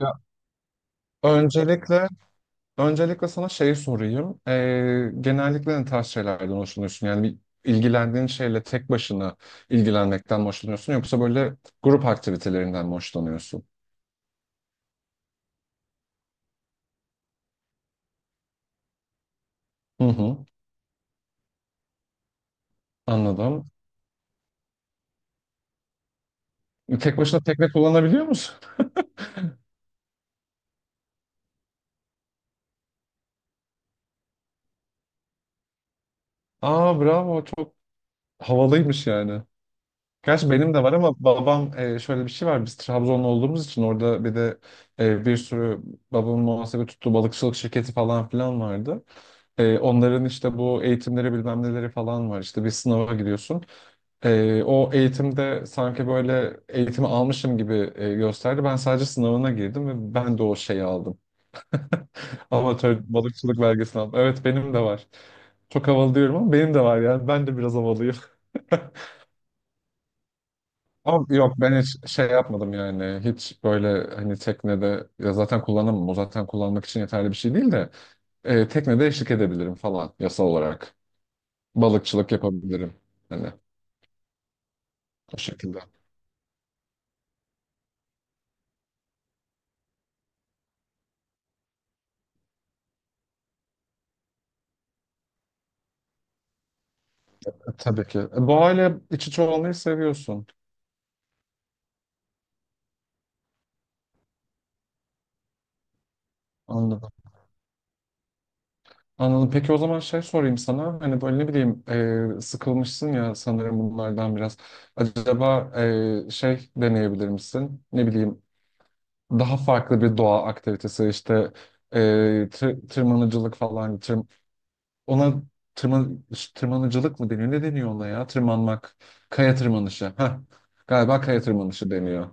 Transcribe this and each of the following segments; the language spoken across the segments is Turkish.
Ya, öncelikle öncelikle sana şeyi sorayım. Genellikle ne tarz şeylerden hoşlanıyorsun? Yani bir ilgilendiğin şeyle tek başına ilgilenmekten mi hoşlanıyorsun yoksa böyle grup aktivitelerinden mi hoşlanıyorsun? Hı hı, anladım. Tek başına tekne kullanabiliyor musun? Aa, bravo, çok havalıymış yani. Gerçi benim de var, ama babam şöyle bir şey var. Biz Trabzonlu olduğumuz için orada bir de bir sürü babamın muhasebe tuttuğu balıkçılık şirketi falan filan vardı. Onların işte bu eğitimleri bilmem neleri falan var. İşte bir sınava giriyorsun. O eğitimde sanki böyle eğitimi almışım gibi gösterdi. Ben sadece sınavına girdim ve ben de o şeyi aldım. Amatör balıkçılık belgesini aldım. Evet, benim de var. Çok havalı diyorum ama benim de var yani. Ben de biraz havalıyım. Ama yok, ben hiç şey yapmadım yani. Hiç böyle hani teknede, ya zaten kullanamam. O zaten kullanmak için yeterli bir şey değil de teknede eşlik edebilirim falan yasal olarak. Balıkçılık yapabilirim. Hani o şekilde. Tabii ki. Doğayla iç içe olmayı seviyorsun. Anladım. Anladım. Peki, o zaman şey sorayım sana. Hani böyle ne bileyim, sıkılmışsın ya sanırım bunlardan biraz. Acaba şey deneyebilir misin? Ne bileyim, daha farklı bir doğa aktivitesi işte e, tırmanıcılık falan ona tırman tırmanıcılık mı deniyor, ne deniyor ona ya, tırmanmak, kaya tırmanışı. Heh, galiba kaya tırmanışı deniyor.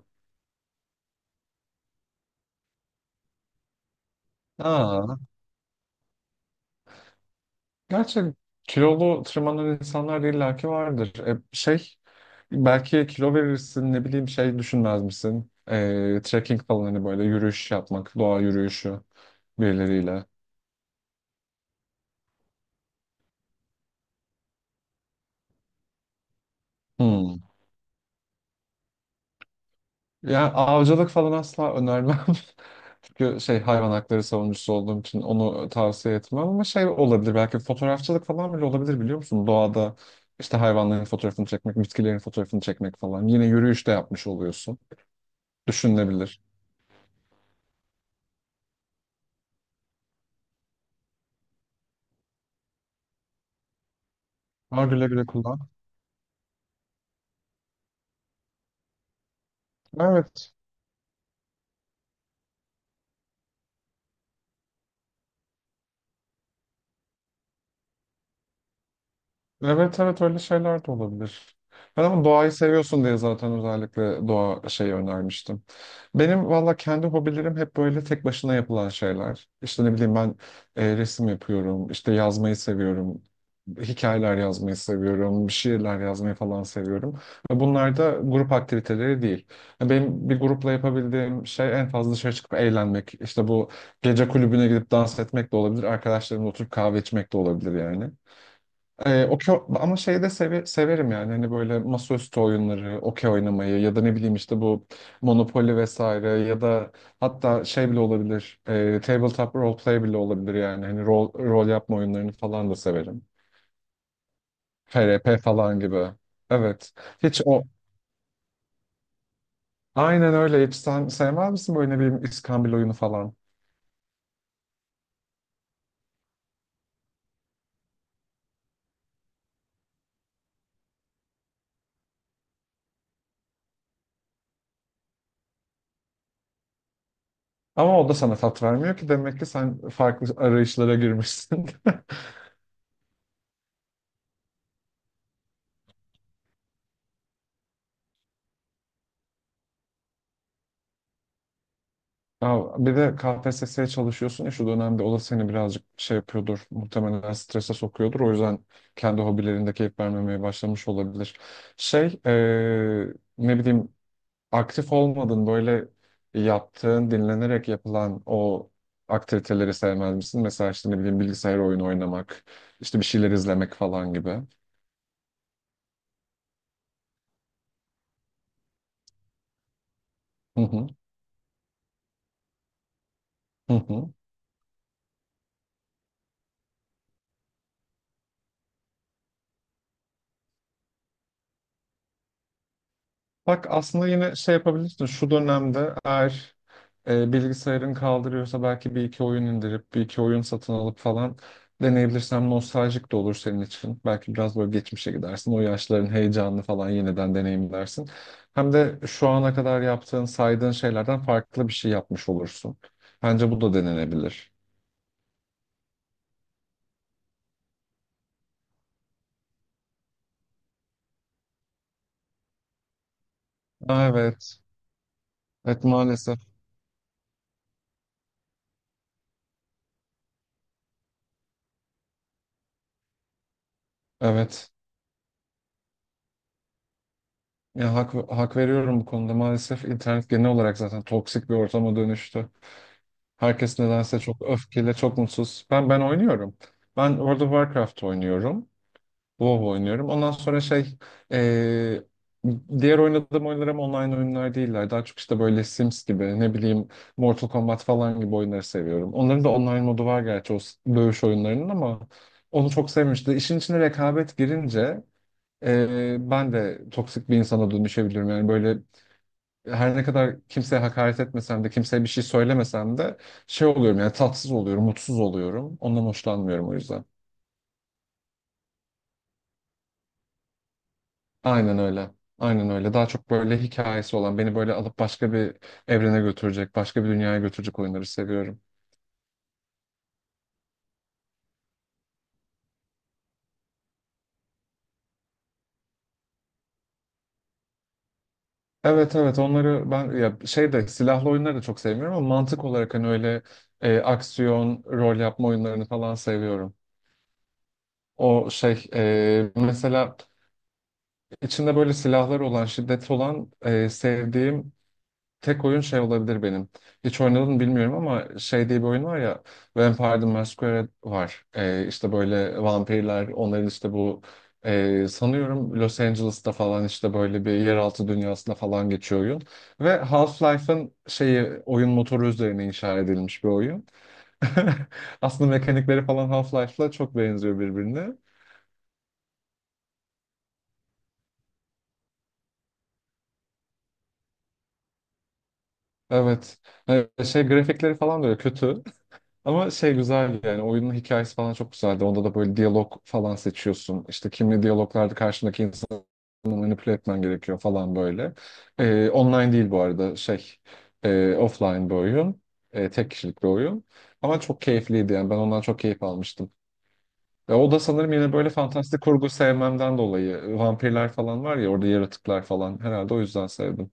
Aa, gerçi kilolu tırmanan insanlar da illaki vardır. Şey, belki kilo verirsin, ne bileyim, şey düşünmez misin, trekking falan, hani böyle yürüyüş yapmak, doğa yürüyüşü, birileriyle. Hmm. Yani avcılık falan asla önermem. Çünkü şey, hayvan hakları savunucusu olduğum için onu tavsiye etmem, ama şey olabilir, belki fotoğrafçılık falan bile olabilir, biliyor musun? Doğada işte hayvanların fotoğrafını çekmek, bitkilerin fotoğrafını çekmek falan. Yine yürüyüş de yapmış oluyorsun. Düşünülebilir. Var, güle güle kullan. Evet. Evet, evet, öyle şeyler de olabilir. Ben ama doğayı seviyorsun diye zaten özellikle doğa şeyi önermiştim. Benim valla kendi hobilerim hep böyle tek başına yapılan şeyler. İşte ne bileyim, ben resim yapıyorum, işte yazmayı seviyorum, hikayeler yazmayı seviyorum, şiirler yazmayı falan seviyorum. Ve bunlar da grup aktiviteleri değil. Yani benim bir grupla yapabildiğim şey en fazla dışarı çıkıp eğlenmek. İşte bu, gece kulübüne gidip dans etmek de olabilir, arkadaşlarımla oturup kahve içmek de olabilir yani. Okey, ama şeyi de severim yani, hani böyle masaüstü oyunları, okey oynamayı ya da ne bileyim işte bu Monopoly vesaire, ya da hatta şey bile olabilir, tabletop role play bile olabilir yani, hani rol yapma oyunlarını falan da severim. FRP falan gibi. Evet. Hiç o, aynen öyle. Hiç sen sevmez misin böyle ne bileyim iskambil oyunu falan? Ama o da sana tat vermiyor ki, demek ki sen farklı arayışlara girmişsin. Ya bir de KPSS'ye çalışıyorsun ya şu dönemde, o da seni birazcık şey yapıyordur. Muhtemelen strese sokuyordur. O yüzden kendi hobilerinde keyif vermemeye başlamış olabilir. Şey, ne bileyim, aktif olmadın böyle, yaptığın dinlenerek yapılan o aktiviteleri sevmez misin? Mesela işte ne bileyim, bilgisayar oyunu oynamak, işte bir şeyler izlemek falan gibi. Hı hı, hı hı. Bak, aslında yine şey yapabilirsin. Şu dönemde eğer bilgisayarın kaldırıyorsa belki bir iki oyun indirip bir iki oyun satın alıp falan deneyebilirsem, nostaljik de olur senin için. Belki biraz böyle geçmişe gidersin. O yaşların heyecanını falan yeniden deneyimlersin. Hem de şu ana kadar yaptığın, saydığın şeylerden farklı bir şey yapmış olursun. Bence bu da denenebilir. Aa, evet. Evet, maalesef. Evet. Ya hak veriyorum bu konuda. Maalesef internet genel olarak zaten toksik bir ortama dönüştü. Herkes nedense çok öfkeli, çok mutsuz. Ben oynuyorum. Ben World of Warcraft oynuyorum. WoW oynuyorum. Ondan sonra şey, eee, diğer oynadığım oyunlar ama online oyunlar değiller. Daha çok işte böyle Sims gibi, ne bileyim Mortal Kombat falan gibi oyunları seviyorum. Onların da online modu var gerçi, o dövüş oyunlarının, ama onu çok sevmişti. İşin içine rekabet girince ben de toksik bir insana dönüşebiliyorum. Yani böyle, her ne kadar kimseye hakaret etmesem de, kimseye bir şey söylemesem de, şey oluyorum yani, tatsız oluyorum, mutsuz oluyorum. Ondan hoşlanmıyorum o yüzden. Aynen öyle. Aynen öyle. Daha çok böyle hikayesi olan, beni böyle alıp başka bir evrene götürecek, başka bir dünyaya götürecek oyunları seviyorum. Evet, evet, onları ben ya şey de, silahlı oyunları da çok sevmiyorum, ama mantık olarak hani öyle aksiyon, rol yapma oyunlarını falan seviyorum. O şey, mesela İçinde böyle silahlar olan, şiddet olan, sevdiğim tek oyun şey olabilir benim. Hiç oynadım bilmiyorum, ama şey diye bir oyun var ya, Vampire the Masquerade var. İşte böyle vampirler, onların işte bu, sanıyorum Los Angeles'ta falan, işte böyle bir yeraltı dünyasında falan geçiyor oyun. Ve Half-Life'ın şeyi, oyun motoru üzerine inşa edilmiş bir oyun. Aslında mekanikleri falan Half-Life'la çok benziyor birbirine. Evet. Şey, grafikleri falan da öyle kötü. Ama şey güzel yani, oyunun hikayesi falan çok güzeldi. Onda da böyle diyalog falan seçiyorsun. İşte kimli diyaloglarda karşındaki insanı manipüle etmen gerekiyor falan böyle. Online değil bu arada şey, offline bir oyun. Tek kişilik bir oyun. Ama çok keyifliydi yani, ben ondan çok keyif almıştım. Ve o da sanırım yine böyle fantastik kurgu sevmemden dolayı, vampirler falan var ya orada, yaratıklar falan, herhalde o yüzden sevdim.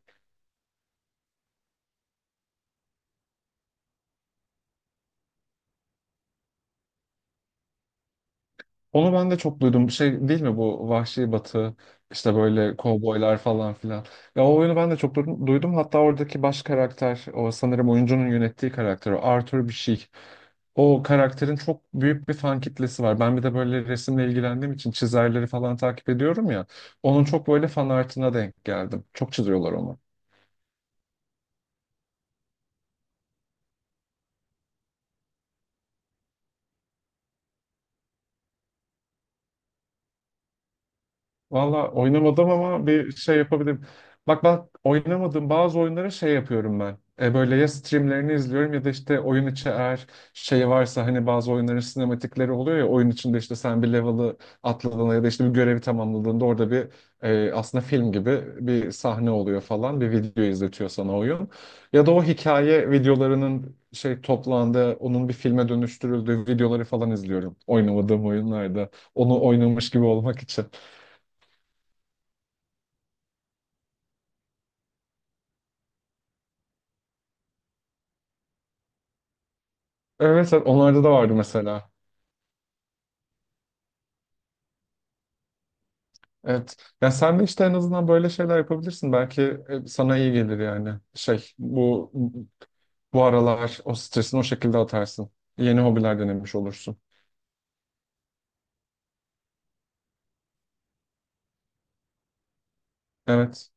Onu ben de çok duydum. Şey değil mi bu, Vahşi Batı, işte böyle kovboylar falan filan. Ya o oyunu ben de çok duydum. Hatta oradaki baş karakter, o sanırım oyuncunun yönettiği karakter, o Arthur bir şey. O karakterin çok büyük bir fan kitlesi var. Ben bir de böyle resimle ilgilendiğim için çizerleri falan takip ediyorum ya. Onun çok böyle fan artına denk geldim. Çok çiziyorlar onu. Valla oynamadım ama bir şey yapabilirim. Bak oynamadığım bazı oyunları şey yapıyorum ben. E, böyle ya streamlerini izliyorum ya da işte oyun içi, eğer şey varsa hani, bazı oyunların sinematikleri oluyor ya, oyun içinde işte sen bir level'ı atladığında ya da işte bir görevi tamamladığında orada bir, aslında film gibi bir sahne oluyor falan, bir video izletiyor sana oyun. Ya da o hikaye videolarının şey toplandığı, onun bir filme dönüştürüldüğü videoları falan izliyorum oynamadığım oyunlarda, onu oynamış gibi olmak için. Evet, evet, onlarda da vardı mesela. Evet. Ya sen de işte en azından böyle şeyler yapabilirsin. Belki sana iyi gelir yani. Şey, bu aralar o stresini o şekilde atarsın. Yeni hobiler denemiş olursun. Evet.